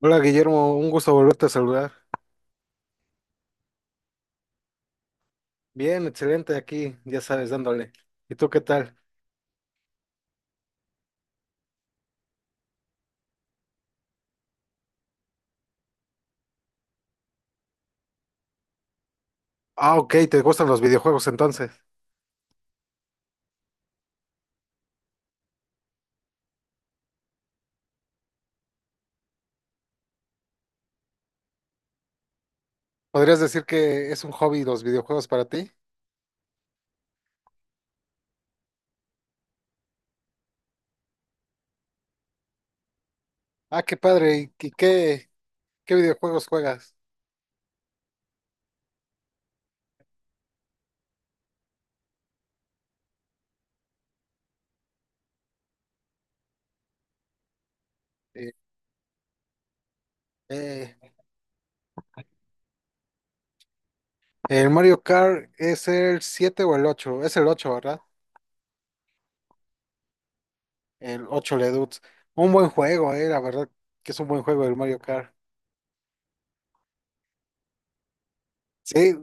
Hola Guillermo, un gusto volverte a saludar. Bien, excelente aquí, ya sabes, dándole. ¿Y tú qué tal? Ah, ok, ¿te gustan los videojuegos entonces? ¿Podrías decir que es un hobby los videojuegos para ti? Ah, qué padre, ¿y qué videojuegos juegas? Eh, eh, el Mario Kart es el 7 o el 8, es el 8, ¿verdad? El ocho Leduc. Un buen juego, la verdad que es un buen juego el Mario Kart. Sí,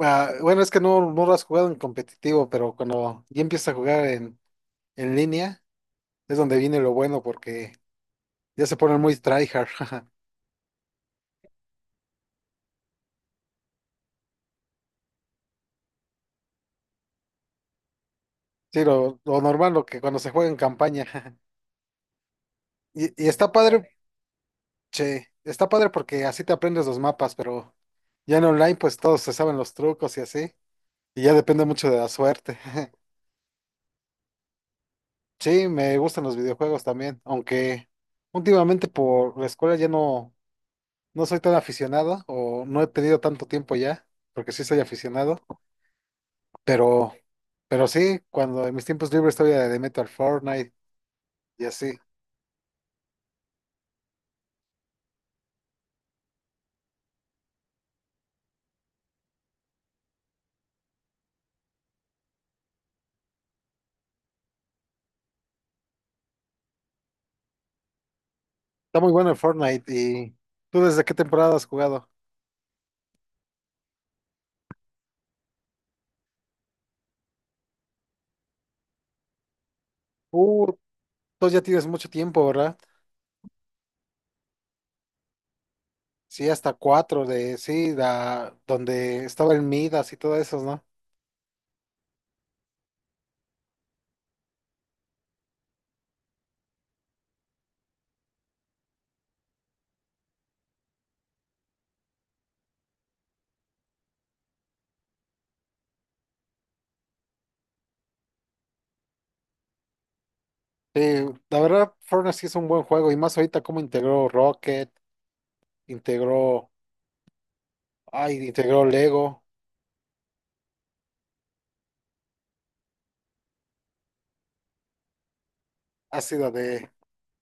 ah, bueno, es que no lo has jugado en competitivo, pero cuando ya empiezas a jugar en, línea. Es donde viene lo bueno porque ya se ponen muy tryhard. Sí, lo normal, lo que cuando se juega en campaña. Y está padre, che, está padre porque así te aprendes los mapas, pero ya en online pues todos se saben los trucos y así. Y ya depende mucho de la suerte. Sí, me gustan los videojuegos también, aunque últimamente por la escuela ya no soy tan aficionado o no he tenido tanto tiempo ya, porque sí soy aficionado, pero, pero sí, cuando en mis tiempos libres todavía le meto al Fortnite y así. Está muy bueno el Fortnite. ¿Y tú desde qué temporada has jugado? Uh, Tú ya tienes mucho tiempo, ¿verdad? Sí, hasta cuatro de sí, donde estaba el Midas y todo eso, ¿no? Sí, la verdad, Fortnite sí es un buen juego. Y más ahorita como integró Rocket, integró, integró Lego, ha sido de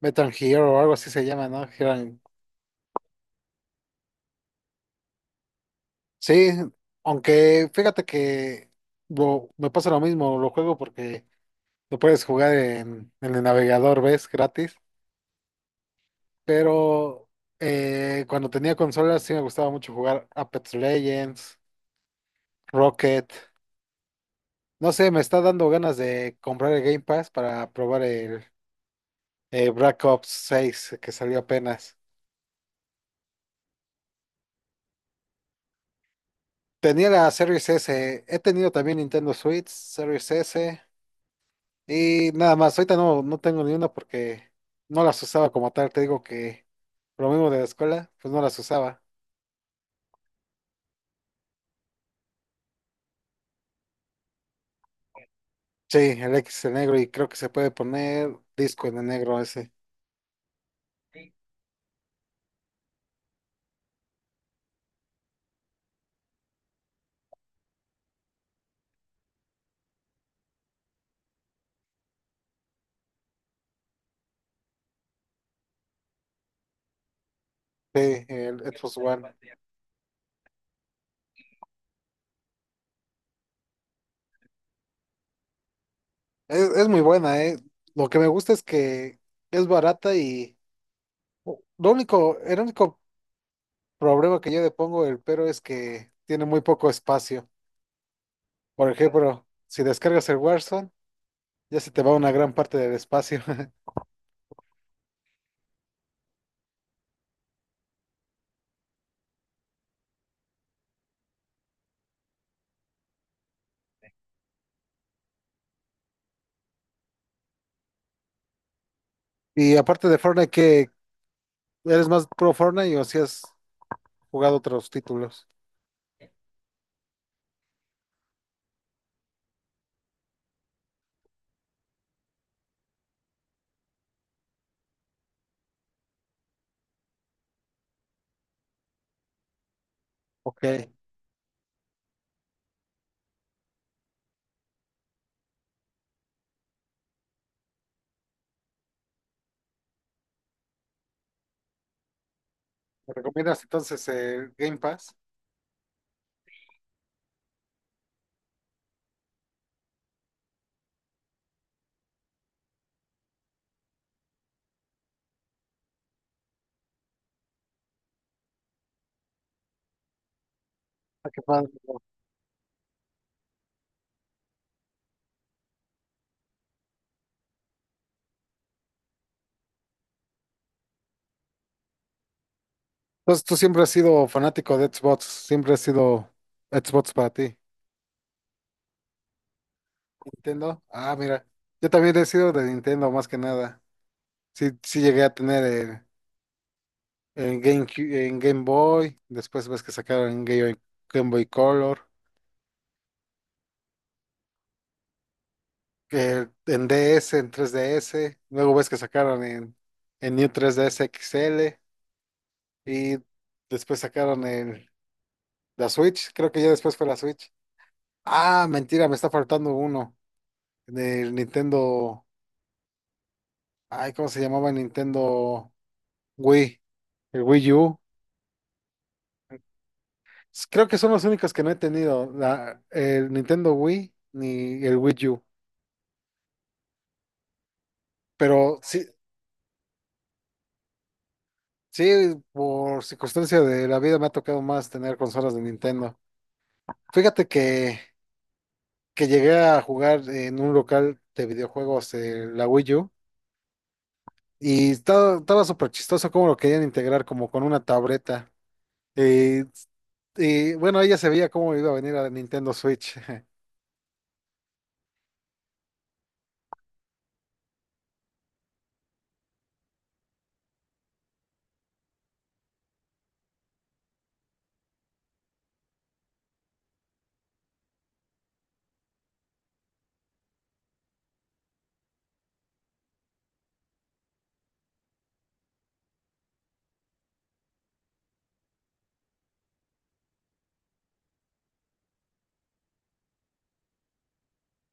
Metal Hero o algo así se llama, ¿no? Sí, aunque fíjate que me pasa lo mismo, lo juego porque lo puedes jugar en el navegador, ¿ves? Gratis. Pero cuando tenía consolas sí me gustaba mucho jugar Apex Legends, Rocket. No sé, me está dando ganas de comprar el Game Pass para probar el Black Ops 6 que salió apenas. Tenía la Series S, he tenido también Nintendo Switch, Series S y nada más. Ahorita no tengo ni una porque no las usaba como tal. Te digo que por lo mismo de la escuela, pues no las usaba. Sí, el X en negro y creo que se puede poner disco en el negro ese. Sí, el Xbox One. Es muy buena, ¿eh? Lo que me gusta es que es barata y lo único, el único problema que yo le pongo el pero es que tiene muy poco espacio. Por ejemplo, si descargas el Warzone, ya se te va una gran parte del espacio. ¿Y aparte de Fortnite, que eres más pro Fortnite o si has jugado otros títulos? Ok. ¿Me recomiendas entonces el Game Pass? Ah, qué padre. Entonces tú siempre has sido fanático de Xbox, siempre has sido Xbox para ti. Nintendo. Ah, mira. Yo también he sido de Nintendo más que nada. Sí, sí llegué a tener el GameCube, en Game Boy. Después ves que sacaron en Game Boy Color. Que en DS, en 3DS. Luego ves que sacaron en, New 3DS XL. Y después sacaron el, la Switch. Creo que ya después fue la Switch. Ah, mentira, me está faltando uno del Nintendo. Ay, ¿cómo se llamaba? El Nintendo Wii. El Wii U. Creo que son los únicos que no he tenido, el Nintendo Wii ni el Wii U. Pero sí, sí, por circunstancia de la vida me ha tocado más tener consolas de Nintendo. Fíjate que, llegué a jugar en un local de videojuegos la Wii U y estaba súper chistoso cómo lo querían integrar como con una tableta. Y, y bueno, ella se veía cómo iba a venir a Nintendo Switch.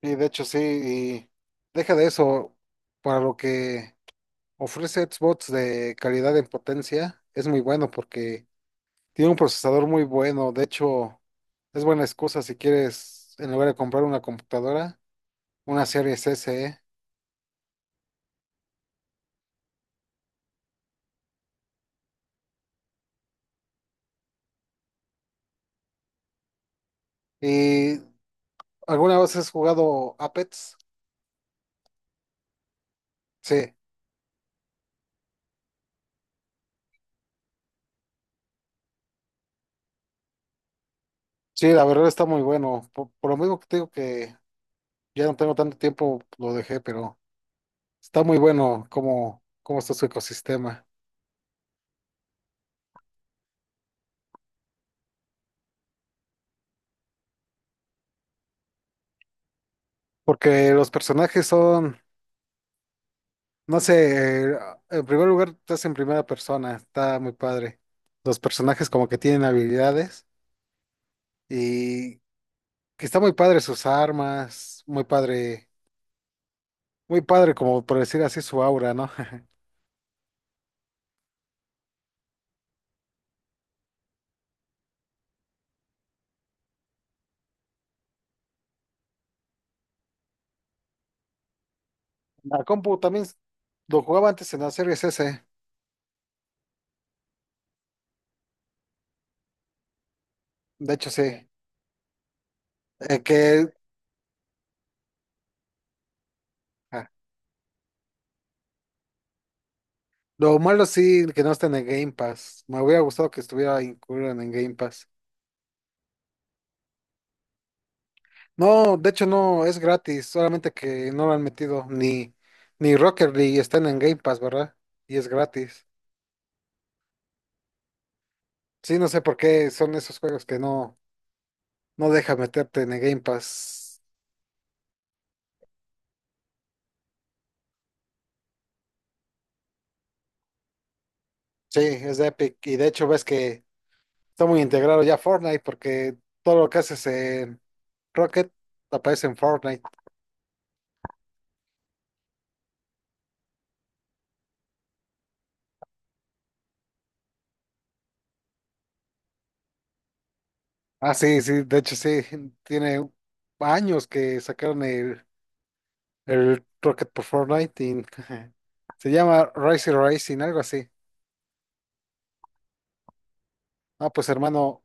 Y de hecho sí, y deja de eso, para lo que... Ofrece Xbox de calidad en potencia. Es muy bueno porque tiene un procesador muy bueno. De hecho, es buena excusa si quieres, en lugar de comprar una computadora, una Series S, ¿eh? ¿Y alguna vez has jugado Apex? Sí, sí, la verdad está muy bueno. Por lo mismo que te digo que ya no tengo tanto tiempo, lo dejé, pero está muy bueno cómo, está su ecosistema. Porque los personajes son, no sé, en primer lugar, estás en primera persona, está muy padre. Los personajes como que tienen habilidades y que está muy padre sus armas, muy padre como por decir así su aura, ¿no? La compu también lo jugaba antes en la Series S, de hecho sí. Eh, que ah, lo malo sí que no está en el Game Pass. Me hubiera gustado que estuviera incluido en el Game Pass. No, de hecho no, es gratis, solamente que no lo han metido ni Rocket League están en Game Pass, ¿verdad? Y es gratis. Sí, no sé por qué son esos juegos que no deja meterte en el Game Pass. Sí, es de Epic. Y de hecho ves que está muy integrado ya Fortnite porque todo lo que haces en Rocket aparece en Fortnite. Ah, sí, sí, de hecho sí, tiene años que sacaron el Rocket por Fortnite y se llama Racing Racing, algo así. Ah, pues hermano,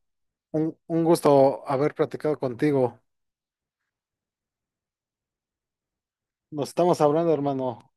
un gusto haber platicado contigo. Nos estamos hablando, hermano.